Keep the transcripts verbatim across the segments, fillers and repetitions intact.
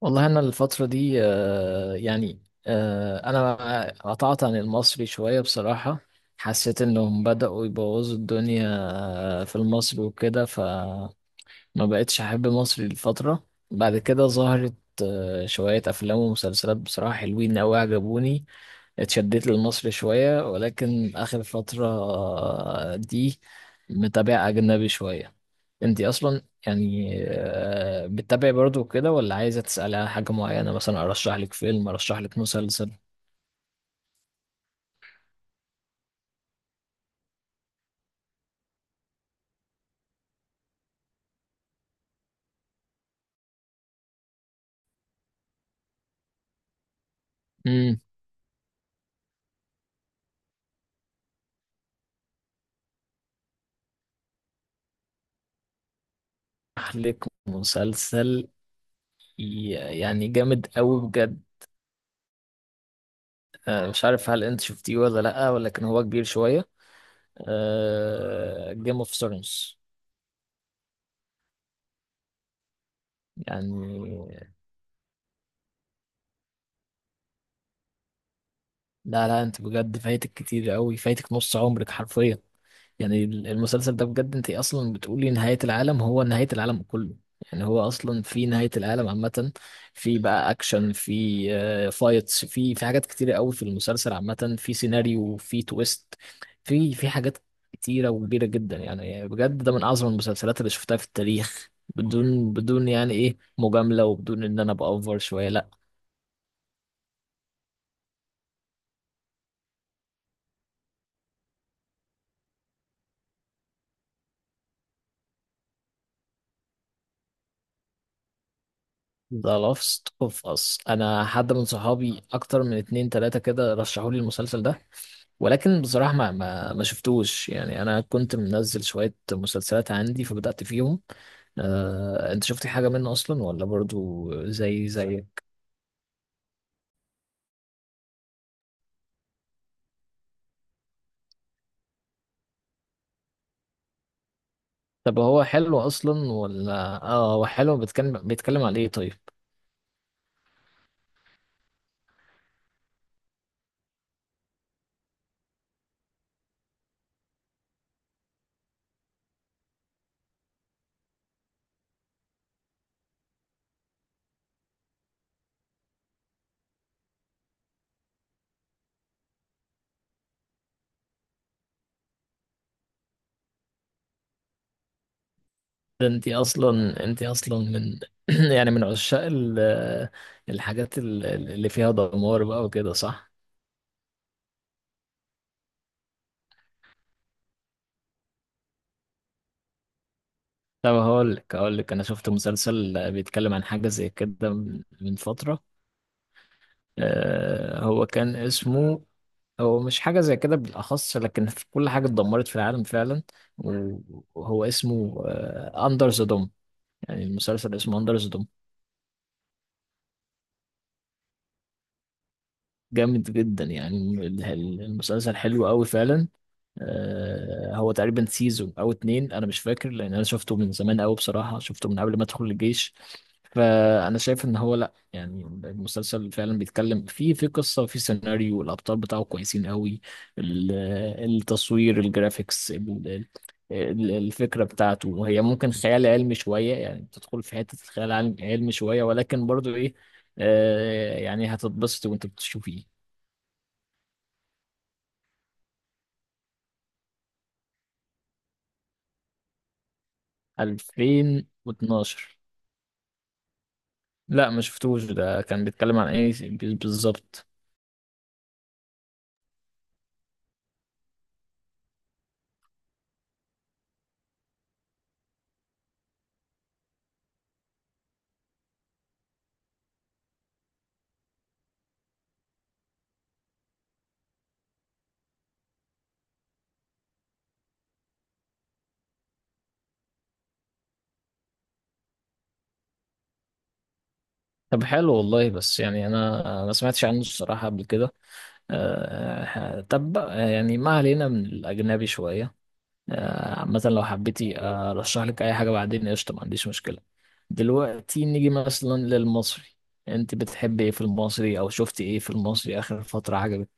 والله أنا الفترة دي آه، يعني آه، أنا قطعت عن المصري شوية بصراحة. حسيت إنهم بدأوا يبوظوا الدنيا آه، في المصري وكده، فما بقتش أحب مصري لفترة. بعد كده ظهرت آه، شوية أفلام ومسلسلات بصراحة حلوين أوي عجبوني. اتشدت للمصري شوية، ولكن آخر فترة آه، دي متابع أجنبي شوية. انت اصلا يعني آه، بتتابعي برضو كده ولا عايزه تسالي على حاجه معينه؟ مثلا ارشح لك فيلم، ارشح لك مسلسل. امم ارشح لك مسلسل ي- يعني جامد قوي بجد. آه، مش عارف هل انت شفتيه ولا لا، ولكن هو كبير شويه: جيم اوف ثرونز. يعني لا لا، انت بجد فايتك كتير قوي، فايتك نص عمرك حرفيا. يعني ال- المسلسل ده بجد، انت اصلا بتقولي نهاية العالم، هو نهاية العالم كله. يعني هو اصلا في نهاية العالم عامة، في بقى اكشن، في آه، فايتس، في في حاجات كتيرة قوي في المسلسل عامة، في سيناريو، في تويست، في في حاجات كتيرة وكبيرة جدا. يعني بجد ده من اعظم المسلسلات اللي شفتها في التاريخ، بدون بدون يعني ايه مجاملة، وبدون ان انا بأوفر شوية لا. ذا لاست اوف اس، انا حد من صحابي اكتر من اتنين تلاتة كده رشحوا لي المسلسل ده، ولكن بصراحة ما ما, ما شفتوش. يعني انا كنت منزل شوية مسلسلات عندي فبدأت فيهم. آه، انت شفت حاجة منه اصلا ولا برضو زي زي؟ طب هو حلو اصلا ولا؟ اه هو حلو، بيتكلم بيتكلم على ايه طيب؟ ده انت اصلا، انت اصلا من يعني من عشاق ال- الحاجات ال- اللي فيها دمار بقى وكده، صح؟ طب هقول لك، هقول لك انا شفت مسلسل بيتكلم عن حاجه زي كده من من فتره. آه هو كان اسمه، هو مش حاجه زي كده بالاخص، لكن في كل حاجه اتدمرت في العالم فعلا، وهو اسمه اندر ذا دوم. يعني المسلسل اسمه اندر ذا دوم، جامد جدا. يعني ال- ال- المسلسل حلو قوي فعلا. آه، هو تقريبا سيزون او اتنين، انا مش فاكر، لان انا شفته من زمان قوي بصراحه، شفته من قبل ما ادخل الجيش. فانا شايف ان هو لا، يعني المسلسل فعلا بيتكلم، في في قصه، في سيناريو، الابطال بتاعه كويسين قوي، ال- التصوير الجرافيكس، ال- ال- الفكره بتاعته، وهي ممكن خيال علمي شويه، يعني بتدخل في حته خيال علم- علمي شويه، ولكن برضو ايه، آه يعني هتتبسط وانت بتشوفيه. ألفين واتناشر، لا ما شفتوش. ده كان بيتكلم عن ايه بي- بالظبط؟ طب حلو والله، بس يعني انا ما سمعتش عنه الصراحة قبل كده. آه، طب بقى، يعني ما علينا من الاجنبي شوية. آه، مثلا لو حبيتي ارشح لك اي حاجة بعدين قشطة، ما عنديش مشكلة. دلوقتي نيجي مثلا للمصري، انت بتحبي ايه في المصري او شفتي ايه في المصري اخر فترة عجبك؟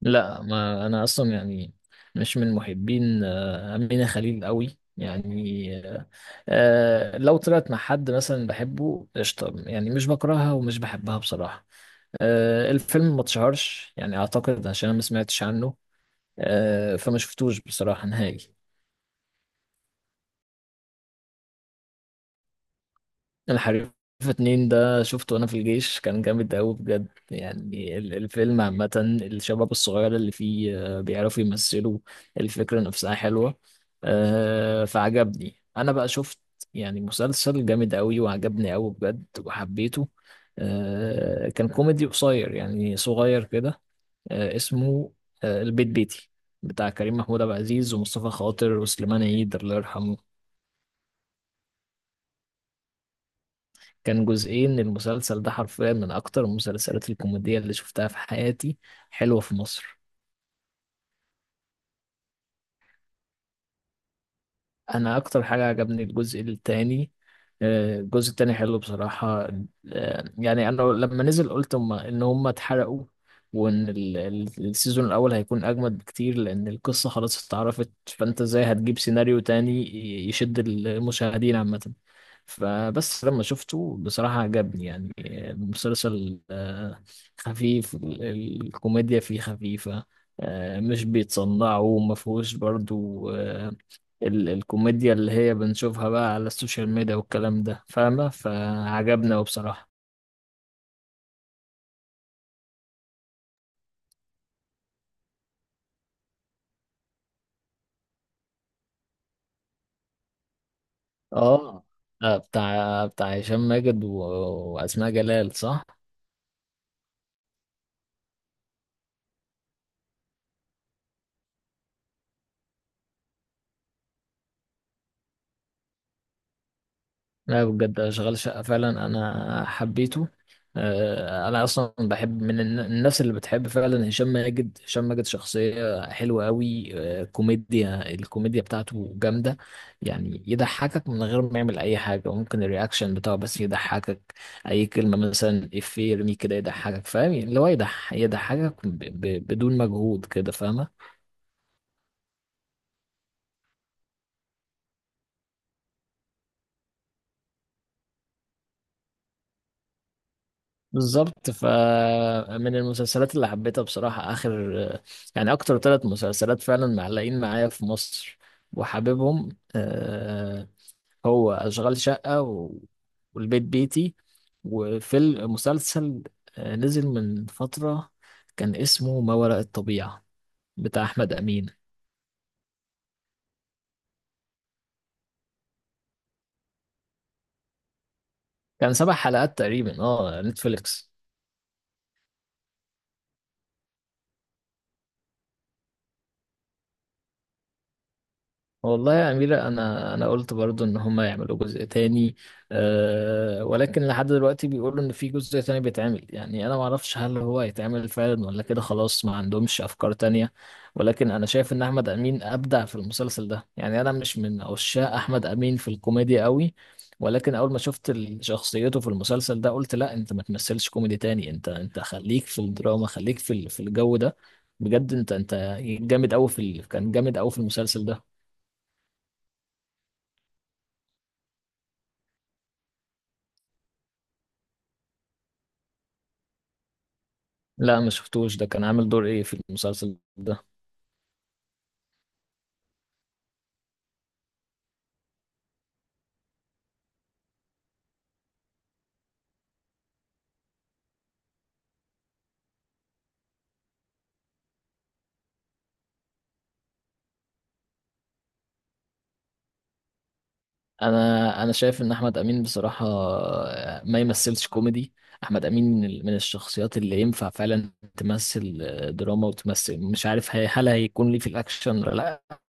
لا، ما انا اصلا يعني مش من محبين آه، أمينة خليل قوي، يعني آه، آه، لو طلعت مع حد مثلا بحبه قشطة، يعني مش بكرهها ومش بحبها بصراحة. آه، الفيلم ما اتشهرش، يعني اعتقد عشان انا ما سمعتش عنه. آه، فما شفتوش بصراحة نهائي. الحريفة اتنين ده شفته وانا في الجيش، كان جامد قوي بجد. يعني ال- الفيلم عامة، الشباب الصغير اللي فيه آه، بيعرفوا يمثلوا، الفكرة نفسها حلوة. آه، فعجبني. انا بقى شفت يعني مسلسل جامد قوي وعجبني قوي بجد وحبيته. آه، كان كوميدي قصير يعني صغير كده، آه، اسمه آه، البيت بيتي، بتاع كريم محمود عبد العزيز ومصطفى خاطر وسليمان عيد الله يرحمه. كان جزئين، المسلسل ده حرفيا من اكتر المسلسلات الكوميدية اللي شفتها في حياتي، حلوة في مصر. انا اكتر حاجه عجبني الجزء التاني، آه، الجزء التاني حلو بصراحه. آه، يعني انا لما نزل قلت هم ان هم اتحرقوا، وان ال- ال- السيزون الاول هيكون اجمد بكتير، لان القصه خلاص اتعرفت، فانت ازاي هتجيب سيناريو تاني ي- يشد المشاهدين عامه. فبس لما شفته بصراحه عجبني، يعني آه، المسلسل آه، خفيف، ال- ال- الكوميديا فيه خفيفه، آه، مش بيتصنعوا وما فيهوش برضو آه، ال الكوميديا اللي هي بنشوفها بقى على السوشيال ميديا والكلام ده، فاهمة، فعجبنا وبصراحة. اه، آه بتاع بتاع هشام ماجد و... وأسماء جلال، صح؟ لا بجد شغال شقة فعلا أنا حبيته. آه، أنا أصلا بحب من الن- الناس اللي بتحب فعلا هشام ماجد، هشام ماجد شخصية حلوة أوي. آه، كوميديا، الكوميديا بتاعته جامدة، يعني يضحكك من غير ما يعمل أي حاجة، وممكن الرياكشن بتاعه بس يضحكك. أي كلمة مثلا إفيه يرميه كده يضحكك، فاهم، يعني اللي هو يضح- يضحكك ب- ب- بدون مجهود كده، فاهمة. بالظبط، فمن المسلسلات اللي حبيتها بصراحة آخر، يعني أكتر ثلاث مسلسلات فعلا معلقين معايا في مصر وحاببهم، آه، هو أشغال شقة و- والبيت بيتي، وفي المسلسل آه، نزل من فترة كان اسمه ما وراء الطبيعة، بتاع أحمد أمين. كان سبع حلقات تقريبا، اه، نتفليكس. والله يا أميرة أنا أنا قلت برضو إن هما يعملوا جزء تاني، أه، ولكن لحد دلوقتي بيقولوا إن في جزء تاني بيتعمل، يعني أنا معرفش هل هو هيتعمل فعلا ولا كده خلاص ما عندهمش أفكار تانية. ولكن أنا شايف إن أحمد أمين أبدع في المسلسل ده، يعني أنا مش من عشاق أحمد أمين في الكوميديا قوي، ولكن أول ما شفت ال- شخصيته في المسلسل ده قلت لا، أنت ما تمثلش كوميدي تاني، أنت أنت خليك في الدراما، خليك في ال- في الجو ده، بجد أنت أنت جامد أوي في ال- كان جامد أوي في المسلسل ده. لا ما شفتوش، ده كان عامل دور ايه في المسلسل ده؟ انا انا شايف ان احمد امين بصراحه آه، ما يمثلش كوميدي. احمد امين من ال- من الشخصيات اللي ينفع فعلا تمثل آه، دراما، وتمثل مش عارف هي- هل هيكون ليه في الاكشن ولا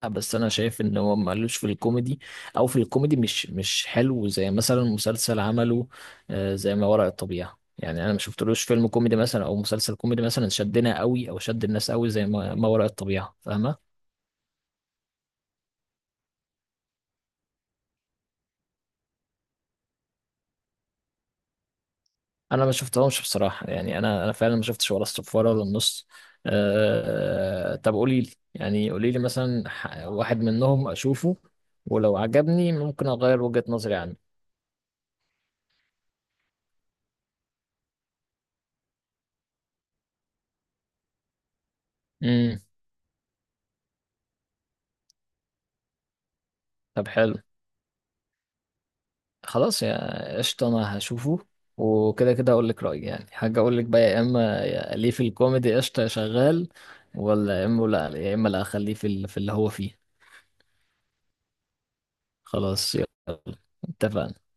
لا، بس انا شايف ان هو مالوش في الكوميدي، او في الكوميدي مش مش حلو زي مثلا مسلسل عمله آه، زي ما وراء الطبيعه. يعني انا ما شفتلوش فيلم كوميدي مثلا او مسلسل كوميدي مثلا شدنا قوي او شد الناس قوي زي ما ما وراء الطبيعه، فاهمه. انا ما شفتهمش بصراحه، يعني انا انا فعلا ما شفتش ولا الصفاره ولا النص. أه طب قولي لي، يعني قولي لي مثلا ح- واحد منهم اشوفه، ولو عجبني ممكن اغير وجهه نظري عنه. امم طب حلو، خلاص يا قشطه انا هشوفه، وكده كده اقول لك رايي، يعني حاجه اقول لك بقى يا اما يا- ليه في الكوميدي قشطه يا شغال، ولا يا اما لا، يا اما لا اخليه في ال- في اللي هو فيه. خلاص يلا، اتفقنا.